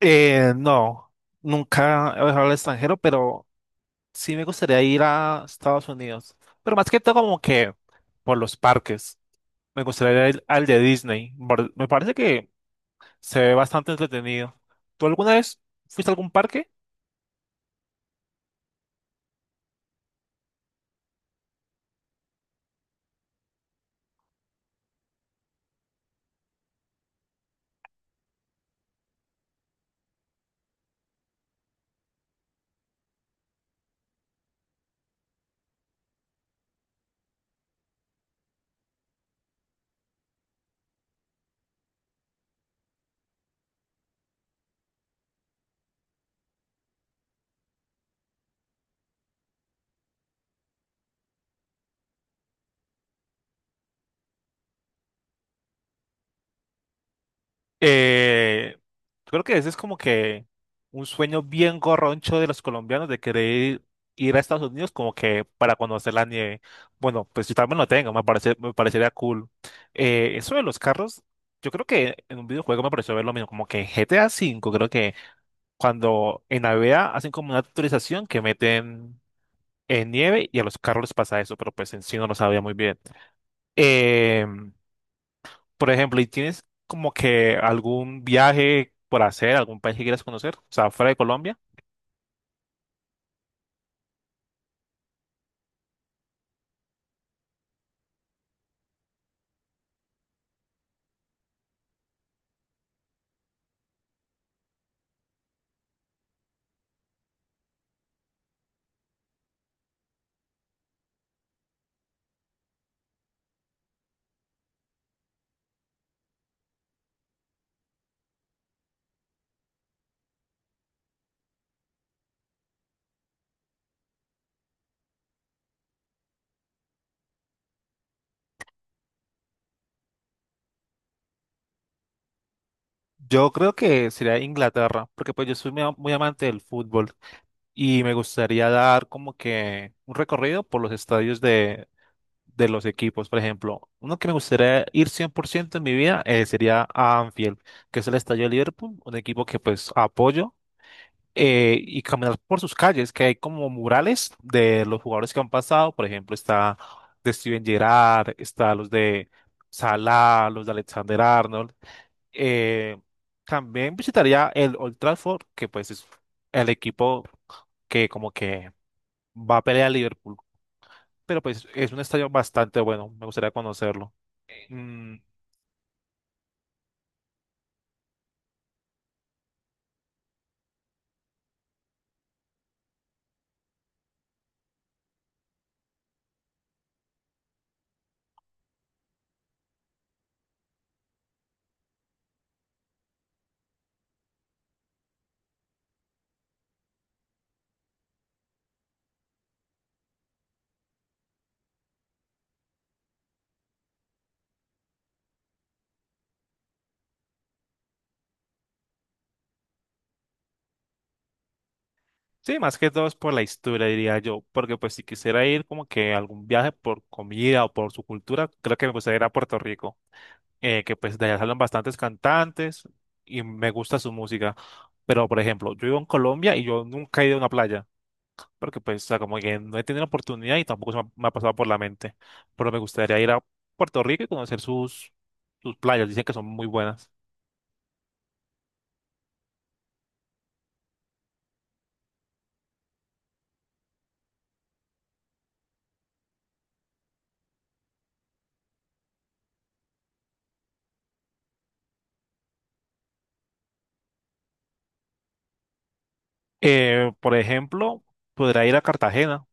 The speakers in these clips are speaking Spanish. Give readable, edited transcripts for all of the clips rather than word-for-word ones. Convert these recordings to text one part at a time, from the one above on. No, nunca he viajado al extranjero, pero sí me gustaría ir a Estados Unidos. Pero más que todo como que por los parques. Me gustaría ir al de Disney. Me parece que se ve bastante entretenido. ¿Tú alguna vez fuiste a algún parque? Eh, Creo que ese es como que un sueño bien gorroncho de los colombianos de querer ir a Estados Unidos como que para conocer la nieve. Bueno, pues yo también lo tengo, me parece, me parecería cool. Eso de los carros, yo creo que en un videojuego me pareció ver lo mismo, como que GTA V, creo que cuando en AVEA hacen como una actualización que meten en nieve y a los carros les pasa eso, pero pues en sí no lo sabía muy bien. Em, por ejemplo, ¿y tienes como que algún viaje por hacer, algún país que quieras conocer? O sea, fuera de Colombia. Yo creo que sería Inglaterra, porque pues yo soy muy, muy amante del fútbol y me gustaría dar como que un recorrido por los estadios de los equipos. Por ejemplo, uno que me gustaría ir 100% en mi vida, sería a Anfield, que es el estadio de Liverpool, un equipo que pues apoyo, y caminar por sus calles, que hay como murales de los jugadores que han pasado. Por ejemplo, está de Steven Gerrard, está los de Salah, los de Alexander Arnold. Eh, También visitaría el Old Trafford, que pues es el equipo que como que va a pelear a Liverpool. Pero pues es un estadio bastante bueno, me gustaría conocerlo. Mm, sí, más que todo es por la historia, diría yo, porque pues si quisiera ir como que a algún viaje por comida o por su cultura, creo que me gustaría ir a Puerto Rico. Que pues de allá salen bastantes cantantes y me gusta su música. Pero, por ejemplo, yo vivo en Colombia y yo nunca he ido a una playa, porque pues, o sea, como que no he tenido la oportunidad y tampoco se me ha pasado por la mente. Pero me gustaría ir a Puerto Rico y conocer sus playas, dicen que son muy buenas. Por ejemplo, podría ir a Cartagena,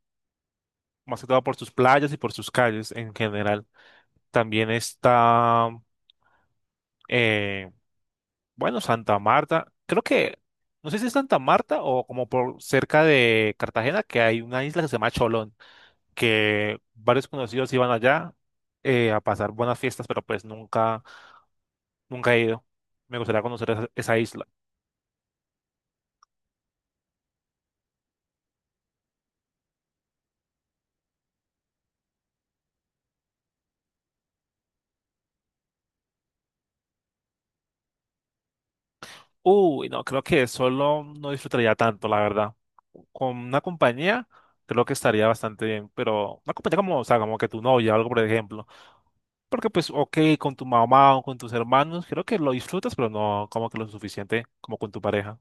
más que todo por sus playas y por sus calles en general. También está... eh, bueno, Santa Marta, creo que, no sé si es Santa Marta o como por cerca de Cartagena, que hay una isla que se llama Cholón, que varios conocidos iban allá, a pasar buenas fiestas, pero pues nunca, nunca he ido. Me gustaría conocer esa, esa isla. Uy, no, creo que solo no disfrutaría tanto, la verdad. Con una compañía, creo que estaría bastante bien, pero una compañía como, o sea, como que tu novia o algo, por ejemplo. Porque pues, ok, con tu mamá o con tus hermanos, creo que lo disfrutas, pero no como que lo suficiente como con tu pareja.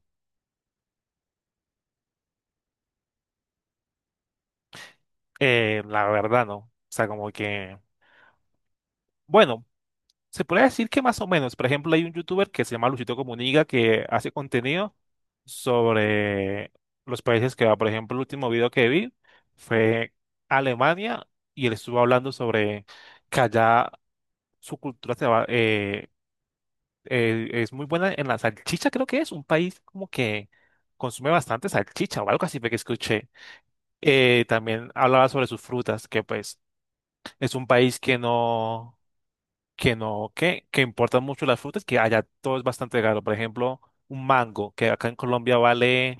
La verdad, no. O sea, como que, bueno, se puede decir que más o menos. Por ejemplo, hay un youtuber que se llama Luisito Comunica que hace contenido sobre los países que va. Por ejemplo, el último video que vi fue Alemania y él estuvo hablando sobre que allá su cultura se va, es muy buena en la salchicha, creo que es un país como que consume bastante salchicha o algo así fue que escuché. También hablaba sobre sus frutas, que pues es un país que no, que no, que importan mucho las frutas, que allá todo es bastante caro. Por ejemplo, un mango, que acá en Colombia vale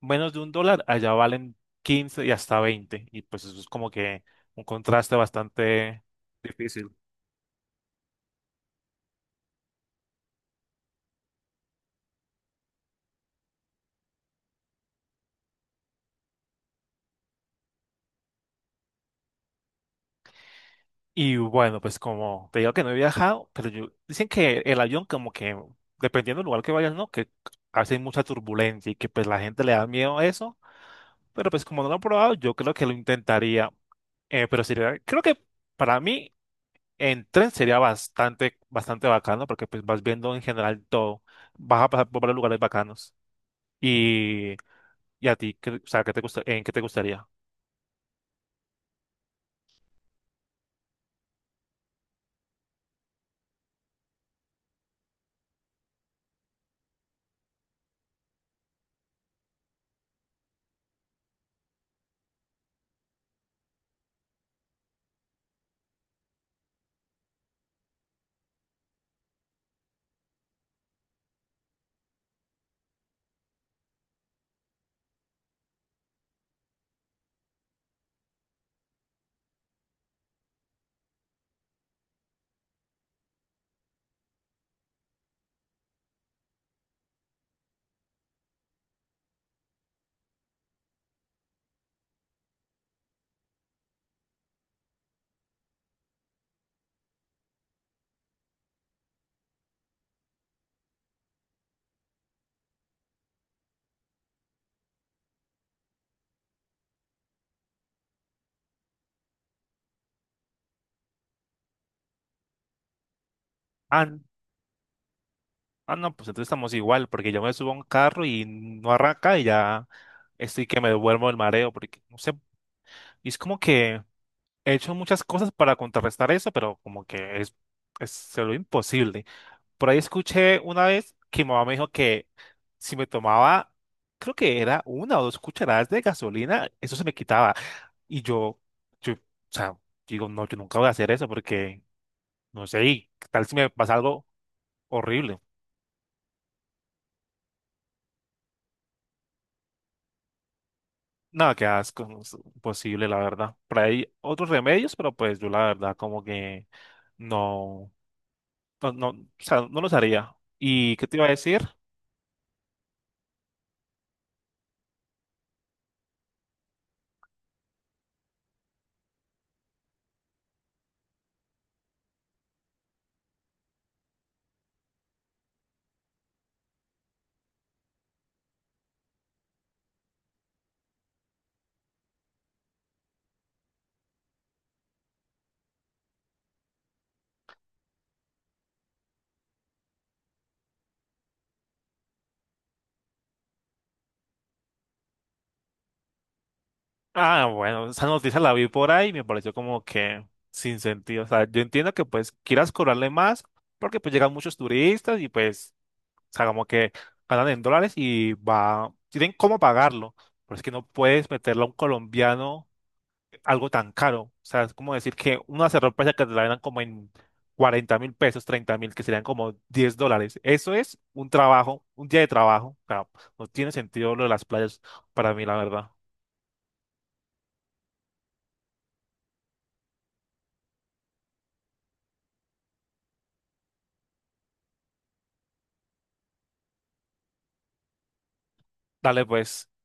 menos de un dólar, allá valen 15 y hasta 20. Y pues eso es como que un contraste bastante. Y bueno, pues como te digo que no he viajado, pero yo, dicen que el avión como que, dependiendo del lugar que vayas, ¿no? Que a veces hay mucha turbulencia y que pues la gente le da miedo a eso, pero pues como no lo he probado, yo creo que lo intentaría. Pero sería, creo que para mí en tren sería bastante, bastante bacano porque pues vas viendo en general todo, vas a pasar por varios lugares bacanos. Y, y a ti, ¿qué- o sea, ¿qué te gusta, en qué te gustaría? Ah, no, pues entonces estamos igual, porque yo me subo a un carro y no arranca y ya estoy que me duermo el mareo, porque no sé, y es como que he hecho muchas cosas para contrarrestar eso, pero como que es se lo imposible. Por ahí escuché una vez que mi mamá me dijo que si me tomaba, creo que era una o dos cucharadas de gasolina, eso se me quitaba. Y o sea, digo, no, yo nunca voy a hacer eso porque, no sé, y ¿qué tal si me pasa algo horrible? No, qué asco, no es posible, la verdad. Por ahí hay otros remedios, pero pues yo la verdad como que no, no, no, o sea, no los haría. ¿Y qué te iba a decir? Ah, bueno, esa noticia la vi por ahí y me pareció como que sin sentido. O sea, yo entiendo que pues quieras cobrarle más porque pues llegan muchos turistas y pues, o sea, como que ganan en dólares y va, tienen cómo pagarlo. Pero es que no puedes meterle a un colombiano algo tan caro. O sea, es como decir que una ropa que te la dan como en 40.000 pesos, 30.000, que serían como 10 dólares. Eso es un trabajo, un día de trabajo. O sea, no tiene sentido lo de las playas para mí, la verdad. Dale, pues.